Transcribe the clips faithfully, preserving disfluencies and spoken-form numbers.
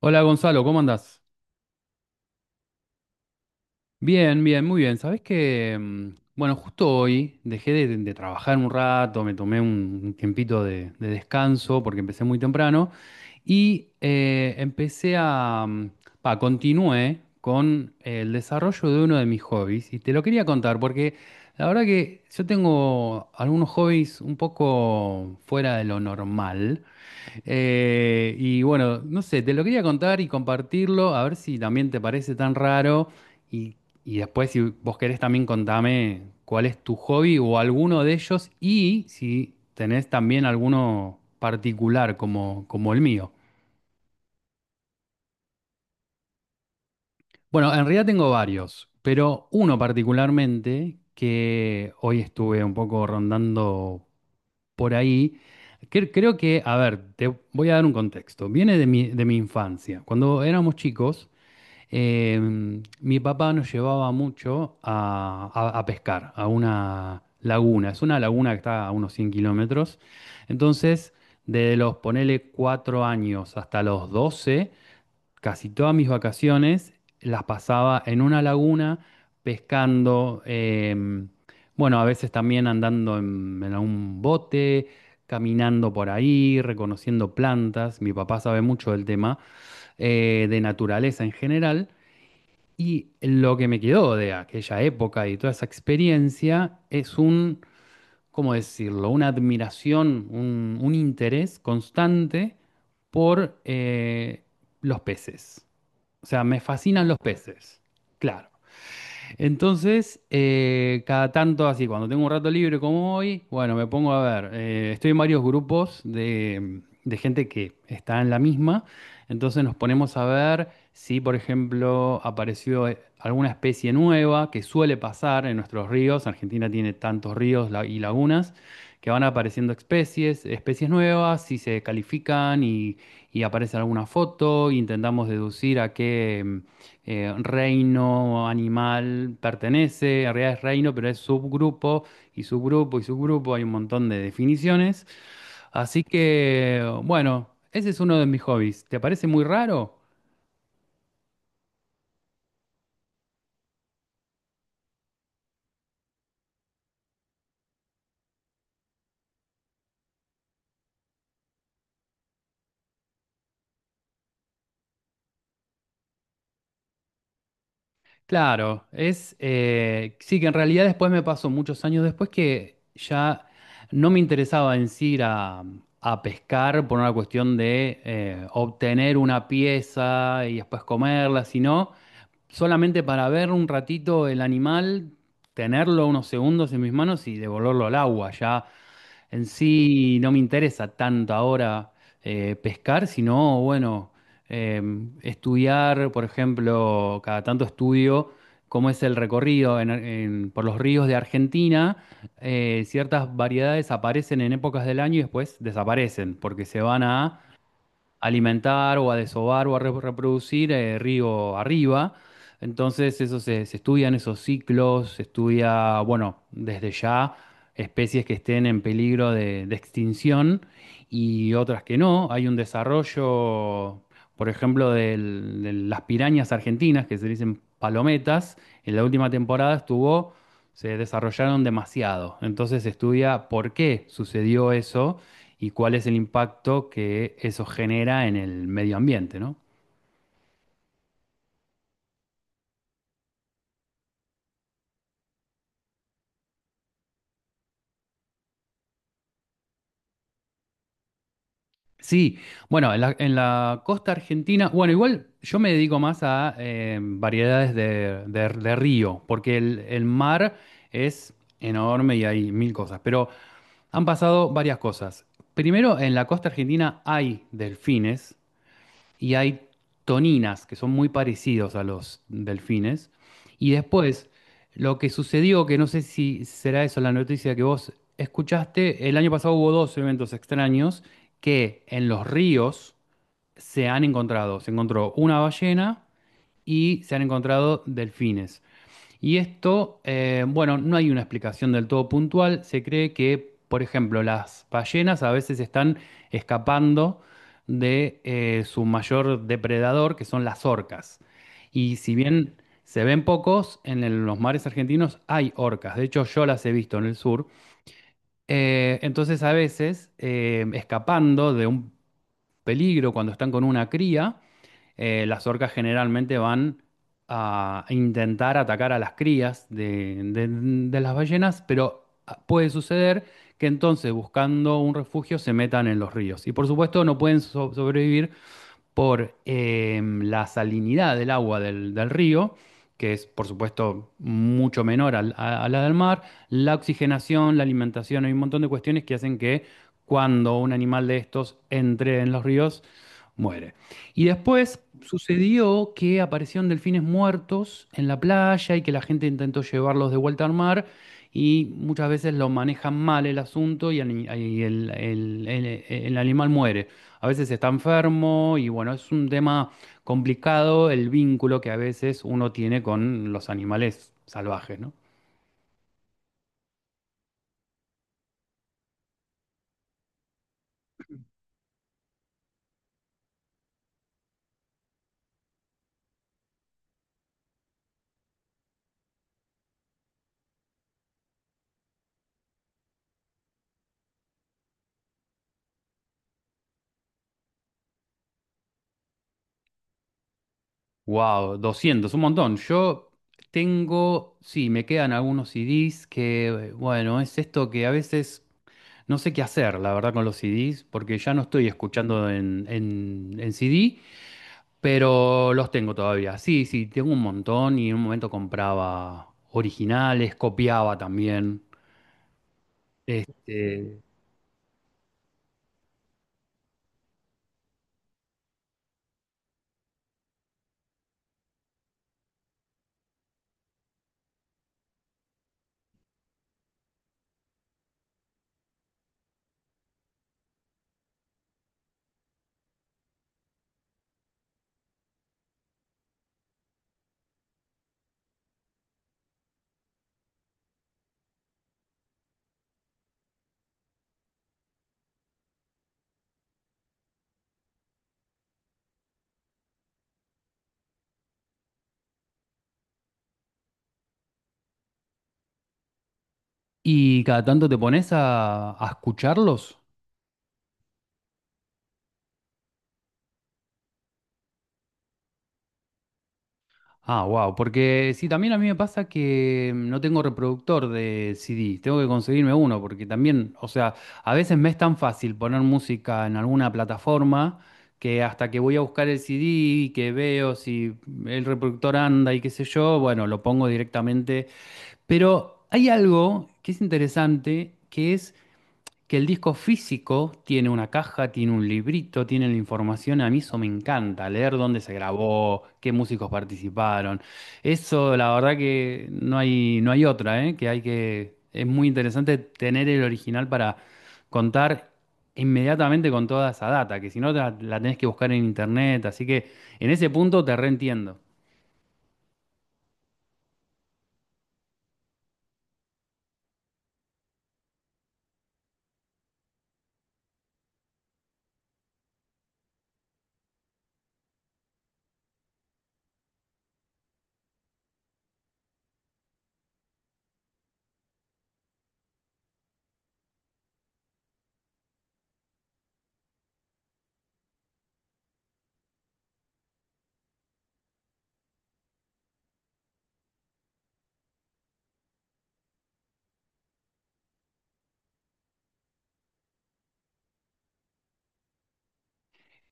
Hola Gonzalo, ¿cómo andás? Bien, bien, muy bien. Sabés que, mm, bueno, justo hoy dejé de, de trabajar un rato, me tomé un, un tiempito de, de descanso porque empecé muy temprano y eh, empecé a, mm, pa, continué con el desarrollo de uno de mis hobbies y te lo quería contar porque la verdad que yo tengo algunos hobbies un poco fuera de lo normal. Eh, y bueno, no sé, te lo quería contar y compartirlo, a ver si también te parece tan raro. Y, y después, si vos querés, también contame cuál es tu hobby o alguno de ellos y si tenés también alguno particular como, como el mío. Bueno, en realidad tengo varios, pero uno particularmente que hoy estuve un poco rondando por ahí. Cre- Creo que, a ver, te voy a dar un contexto. Viene de mi, de mi infancia. Cuando éramos chicos, Em, mi papá nos llevaba mucho a, a- a pescar, a una laguna. Es una laguna que está a unos cien kilómetros. Entonces, de los, ponele, cuatro años hasta los doce, casi todas mis vacaciones las pasaba en una laguna pescando. Em, bueno, a veces también andando en, en un bote, caminando por ahí, reconociendo plantas. Mi papá sabe mucho del tema eh, de naturaleza en general. Y lo que me quedó de aquella época y toda esa experiencia es un, ¿cómo decirlo? Una admiración, un, un interés constante por eh, los peces. O sea, me fascinan los peces. Claro. Entonces, eh, cada tanto así, cuando tengo un rato libre como hoy, bueno, me pongo a ver. eh, Estoy en varios grupos de, de gente que está en la misma. Entonces nos ponemos a ver si, por ejemplo, apareció eh, alguna especie nueva que suele pasar en nuestros ríos. Argentina tiene tantos ríos la- y lagunas que van apareciendo especies, especies nuevas, si se califican y, y aparece alguna foto, intentamos deducir a qué eh, reino animal pertenece, en realidad es reino, pero es subgrupo y subgrupo y subgrupo, hay un montón de definiciones. Así que, bueno, ese es uno de mis hobbies. ¿Te parece muy raro? Claro, es eh, sí que en realidad después me pasó muchos años después que ya no me interesaba en sí ir a, a pescar por una cuestión de eh, obtener una pieza y después comerla, sino solamente para ver un ratito el animal, tenerlo unos segundos en mis manos y devolverlo al agua. Ya en sí no me interesa tanto ahora eh, pescar, sino bueno eh, estudiar, por ejemplo, cada tanto estudio cómo es el recorrido en- en- por los ríos de Argentina. Eh, ciertas variedades aparecen en épocas del año y después desaparecen porque se van a a alimentar o a desovar o a re- reproducir eh, río arriba. Entonces, eso se, se estudian esos ciclos, se estudia, bueno, desde ya especies que estén en peligro de, de extinción y otras que no. Hay un desarrollo, por ejemplo, del- de las pirañas argentinas, que se dicen palometas. En la última temporada estuvo, se desarrollaron demasiado. Entonces, se estudia por qué sucedió eso y cuál es el impacto que eso genera en el medio ambiente, ¿no? Sí, bueno, en la, en la costa argentina, bueno, igual yo me dedico más a eh, variedades de, de- de río, porque el, el mar es enorme y hay mil cosas, pero han pasado varias cosas. Primero, en la costa argentina hay delfines, y hay toninas, que son muy parecidos a los delfines. Y después, lo que sucedió, que no sé si será eso la noticia que vos escuchaste, el año pasado hubo dos eventos extraños que en los ríos se han encontrado. Se encontró una ballena y se han encontrado delfines. Y esto, eh, bueno, no hay una explicación del todo puntual. Se cree que, por ejemplo, las ballenas a veces están escapando de eh, su mayor depredador, que son las orcas. Y si bien se ven pocos, en el- los mares argentinos hay orcas. De hecho, yo las he visto en el sur. Eh, entonces, a veces, eh, escapando de un peligro cuando están con una cría, eh, las orcas generalmente van a intentar atacar a las crías de, de- de las ballenas, pero ah, puede suceder que entonces buscando un refugio se metan en los ríos. Y por supuesto no pueden so- sobrevivir por eh, la salinidad del agua del, del río, que es por supuesto mucho menor al- a, a la del mar, la oxigenación, la alimentación, hay un montón de cuestiones que hacen que cuando un animal de estos entre en los ríos, muere. Y después sucedió que aparecieron delfines muertos en la playa y que la gente intentó llevarlos de vuelta al mar y muchas veces lo manejan mal el asunto y, ani- y el, el- el- el animal muere a veces está enfermo y bueno, es un tema complicado el vínculo que a veces uno tiene con los animales salvajes, ¿no? Wow, doscientos, un montón. Yo tengo, sí, me quedan algunos C Ds que, bueno, es esto que a veces no sé qué hacer, la verdad, con los C Ds, porque ya no estoy escuchando en, en, en C D, pero los tengo todavía. Sí, sí, tengo un montón y en un momento compraba originales, copiaba también. Eh, ¿Y cada tanto te pones a, a escucharlos? Ah, wow, porque sí, también a mí me pasa que no tengo reproductor de C D, tengo que conseguirme uno, porque también, o sea, a veces me es tan fácil poner música en alguna plataforma que hasta que voy a buscar el C D y que veo si el reproductor anda y qué sé yo, bueno, lo pongo directamente. Pero hay algo que es interesante, que es que el disco físico tiene una caja, tiene un librito, tiene la información. A mí eso me encanta, leer dónde se grabó, qué músicos participaron. Eso, la verdad que no hay, no hay otra, ¿eh? Que hay que, es muy interesante tener el original para contar inmediatamente con toda esa data, que si no la, la tenés que buscar en internet. Así que en ese punto te reentiendo.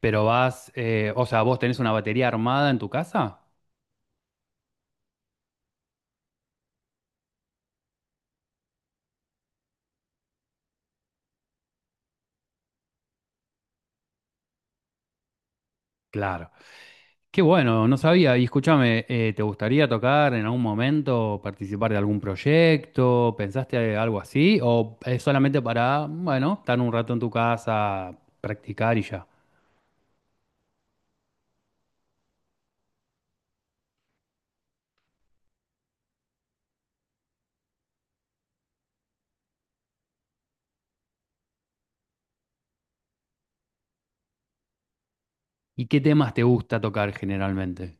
Pero vas, eh, o sea, ¿vos tenés una batería armada en tu casa? Claro. Qué bueno, no sabía. Y escúchame, eh, ¿te gustaría tocar en algún momento, participar de algún proyecto? ¿Pensaste algo así? ¿O es solamente para, bueno, estar un rato en tu casa, practicar y ya? ¿Y qué temas te gusta tocar generalmente?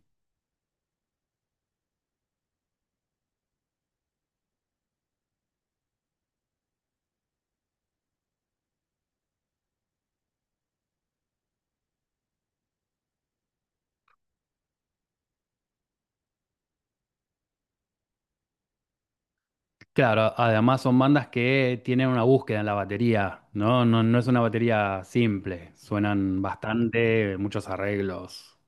Claro, además son bandas que tienen una búsqueda en la batería, ¿no? No, no es una batería simple, suenan bastante, muchos arreglos.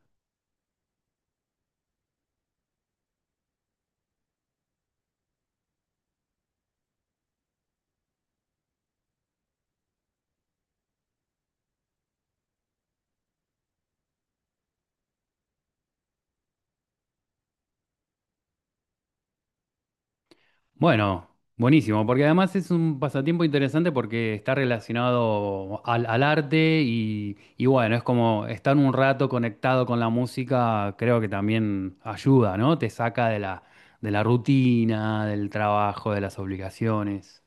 Bueno, buenísimo, porque además es un pasatiempo interesante porque está relacionado al, al arte y, y bueno, es como estar un rato conectado con la música, creo que también ayuda, ¿no? Te saca de la, de la rutina, del trabajo, de las obligaciones.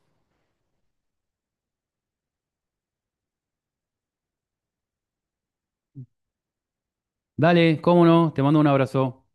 Dale, cómo no, te mando un abrazo.